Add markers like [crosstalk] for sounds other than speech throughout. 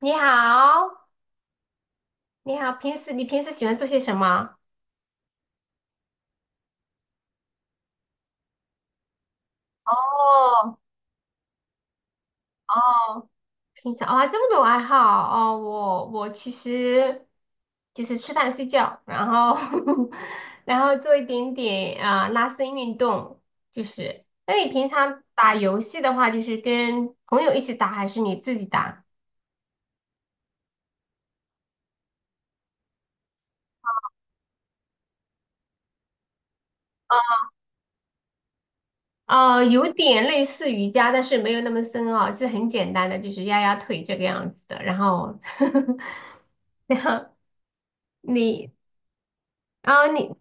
你好，你好，平时你喜欢做些什么？哦哦，平常啊、这么多爱好哦，我其实就是吃饭睡觉，然后 [laughs] 然后做一点点啊、拉伸运动，就是。那你平常打游戏的话，就是跟朋友一起打还是你自己打？有点类似瑜伽，但是没有那么深奥，就是很简单的，就是压压腿这个样子的。然后，[laughs] 然后你啊、你。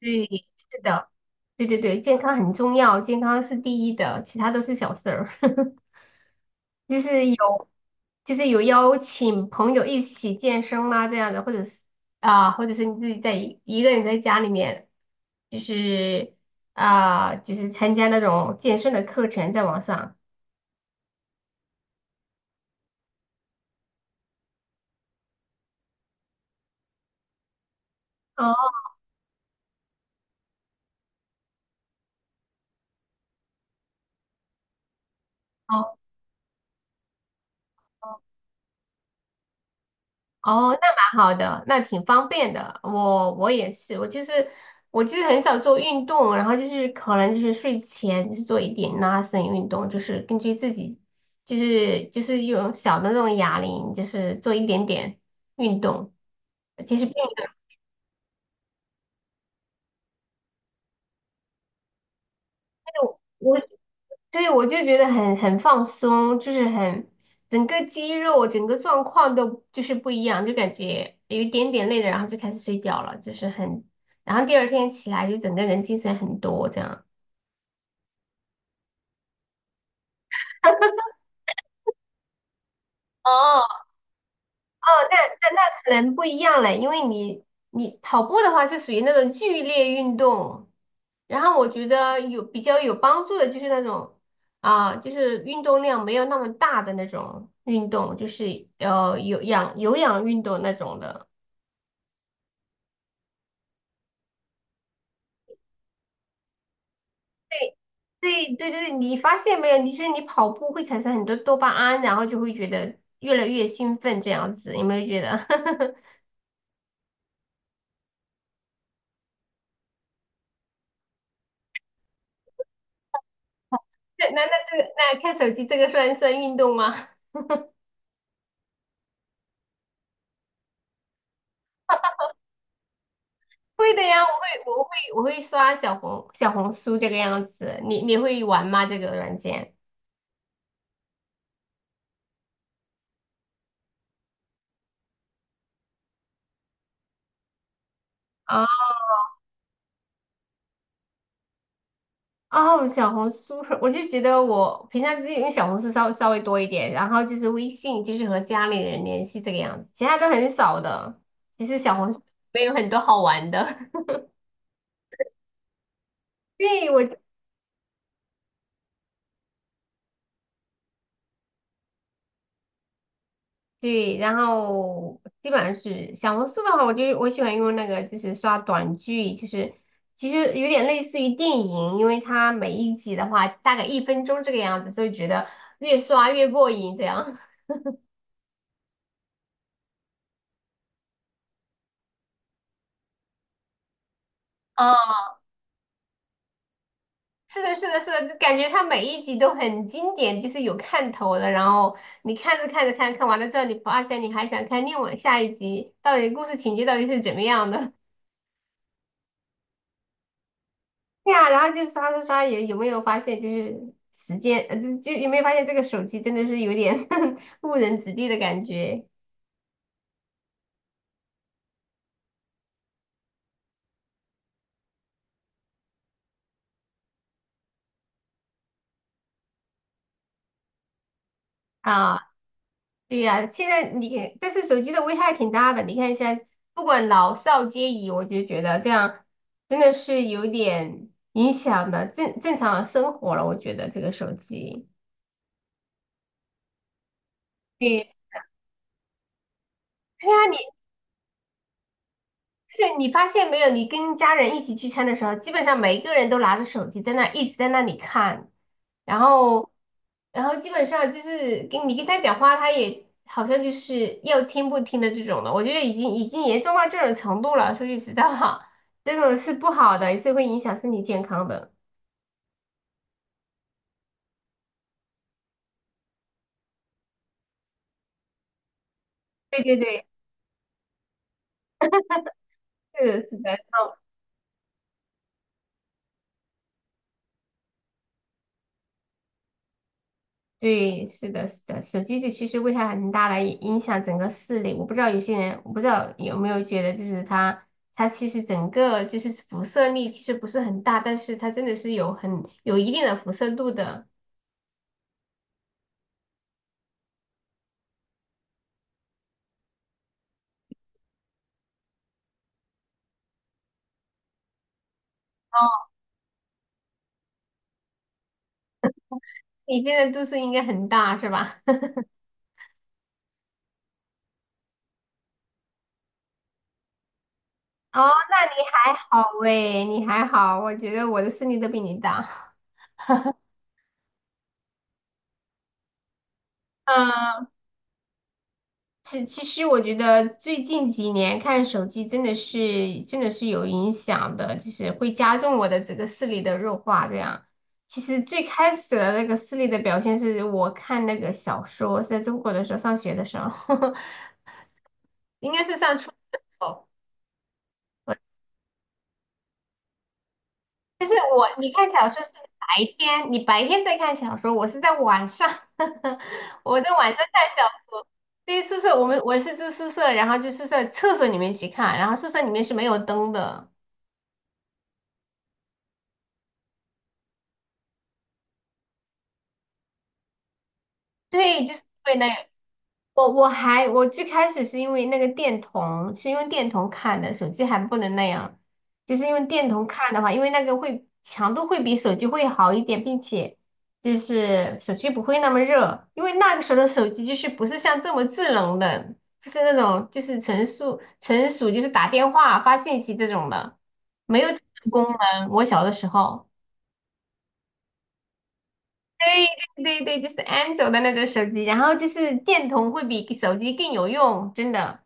对，是的，对对对，健康很重要，健康是第一的，其他都是小事儿。[laughs] 就是有，就是有邀请朋友一起健身吗？这样的，或者是啊、或者是你自己在一个人在家里面，就是啊、就是参加那种健身的课程，在网上。哦哦，那蛮好的，那挺方便的。我也是，我就是很少做运动，然后就是可能就是睡前就是做一点拉伸运动，就是根据自己就是用小的那种哑铃，就是做一点点运动，其实并没有。对，我就觉得很放松，就是很整个肌肉、整个状况都就是不一样，就感觉有一点点累了，然后就开始睡觉了，就是很，然后第二天起来就整个人精神很多这样。哦，那人不一样嘞，因为你跑步的话是属于那种剧烈运动，然后我觉得有比较有帮助的就是那种啊、就是运动量没有那么大的那种运动，就是有氧运动那种的。对。对对对，你发现没有？你是你跑步会产生很多多巴胺，然后就会觉得越来越兴奋，这样子有没有觉得？[laughs] 那这个那看手机这个算运动吗？[laughs] 会的呀，我会刷小红书这个样子。你你会玩吗？这个软件？啊哦，小红书，我就觉得我平常自己用小红书稍微多一点，然后就是微信，就是和家里人联系这个样子，其他都很少的。其实小红书没有很多好玩的。[laughs] 对，我。对，然后基本上是小红书的话，我喜欢用那个，就是刷短剧，就是其实有点类似于电影，因为它每一集的话大概一分钟这个样子，所以觉得越刷越过瘾。这样，[laughs] 嗯，是的，是的，是的，就感觉它每一集都很经典，就是有看头的。然后你看着看着，看完了之后，你发现你还想看另外下一集，到底故事情节到底是怎么样的？对呀，然后就刷刷刷，有没有发现就是时间，就有没有发现这个手机真的是有点 [laughs] 误人子弟的感觉啊？对呀，现在你但是手机的危害挺大的，你看现在不管老少皆宜，我就觉得这样真的是有点影响的正常的生活了，我觉得这个手机。对，对呀，你。就是你发现没有，你跟家人一起聚餐的时候，基本上每一个人都拿着手机在那一直在那里看，然后，然后基本上就是跟你跟他讲话，他也好像就是要听不听的这种的。我觉得已经严重到这种程度了。说句实在话，这种是不好的，也是会影响身体健康的。对对对，是的，是的，对，是的，是的，手机其实危害很大的，影响整个视力。我不知道有些人，我不知道有没有觉得，就是它，它其实整个就是辐射力其实不是很大，但是它真的是有很有一定的辐射度的，哦，你这在度数应该很大，是吧？[laughs] 哦，那你还好喂，你还好，我觉得我的视力都比你大。[laughs] 嗯。其实我觉得最近几年看手机真的是有影响的，就是会加重我的这个视力的弱化。这样，其实最开始的那个视力的表现是我看那个小说，是在中国的时候上学的时候，[laughs] 应该是上初中的时候。我但是你看小说是白天，你白天在看小说，我是在晚上，[laughs] 我在晚上看小说。对，宿舍我们我是住宿舍，然后就宿舍厕所里面去看，然后宿舍里面是没有灯的。对，就是对那个。我最开始是因为那个电筒，是用电筒看的，手机还不能那样，就是用电筒看的话，因为那个会强度会比手机会好一点，并且就是手机不会那么热，因为那个时候的手机就是不是像这么智能的，就是那种就是纯属就是打电话发信息这种的，没有这个功能。我小的时候。对对对，就是安卓的那种手机，然后就是电筒会比手机更有用，真的。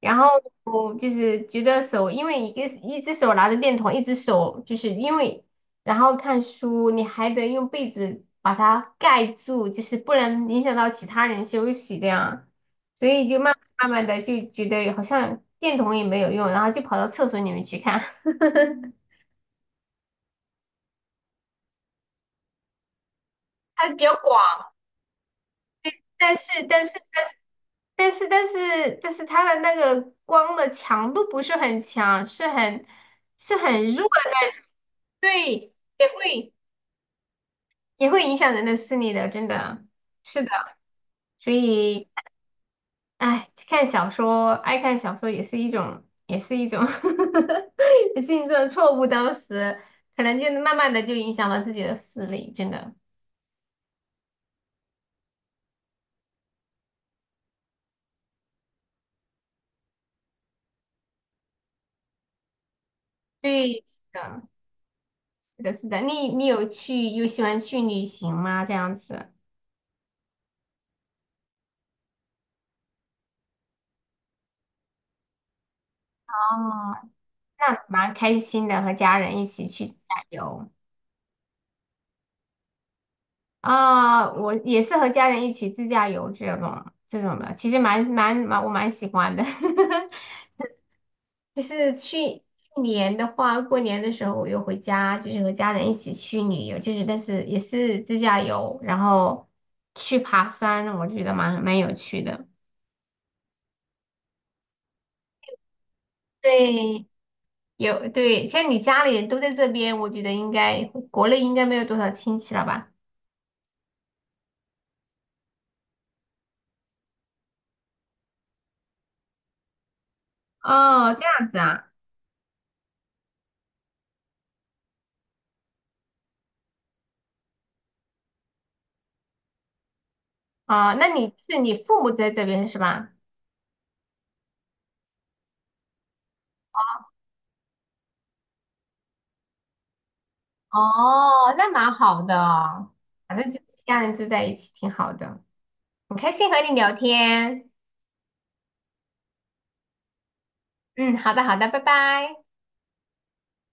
然后我就是觉得手，因为一个一只手拿着电筒，一只手就是因为，然后看书你还得用被子把它盖住，就是不能影响到其他人休息这样，所以就慢慢的就觉得好像电筒也没有用，然后就跑到厕所里面去看，[laughs] 它比较广。但是但是但是它的那个光的强度不是很强，是很弱的那种对，也会也会影响人的视力的，真的是的。所以，哎，看小说，爱看小说也是一种，也是一种 [laughs] 也是一种错误。当时可能就慢慢的就影响了自己的视力，真的。对，是的，是的，是的。你有去有喜欢去旅行吗？这样子。哦那蛮开心的，和家人一起去自驾游啊，我也是和家人一起自驾游这种这种的，其实蛮蛮蛮我蛮喜欢的。[laughs] 就是去去年的话，过年的时候我又回家，就是和家人一起去旅游，就是但是也是自驾游，然后去爬山，我觉得蛮有趣的。对，有对，像你家里人都在这边，我觉得应该国内应该没有多少亲戚了吧？哦，这样子啊。啊，那你是你父母在这边是吧？哦，那蛮好的，反正就是家人住在一起挺好的，很开心和你聊天。嗯，好的好的，拜拜。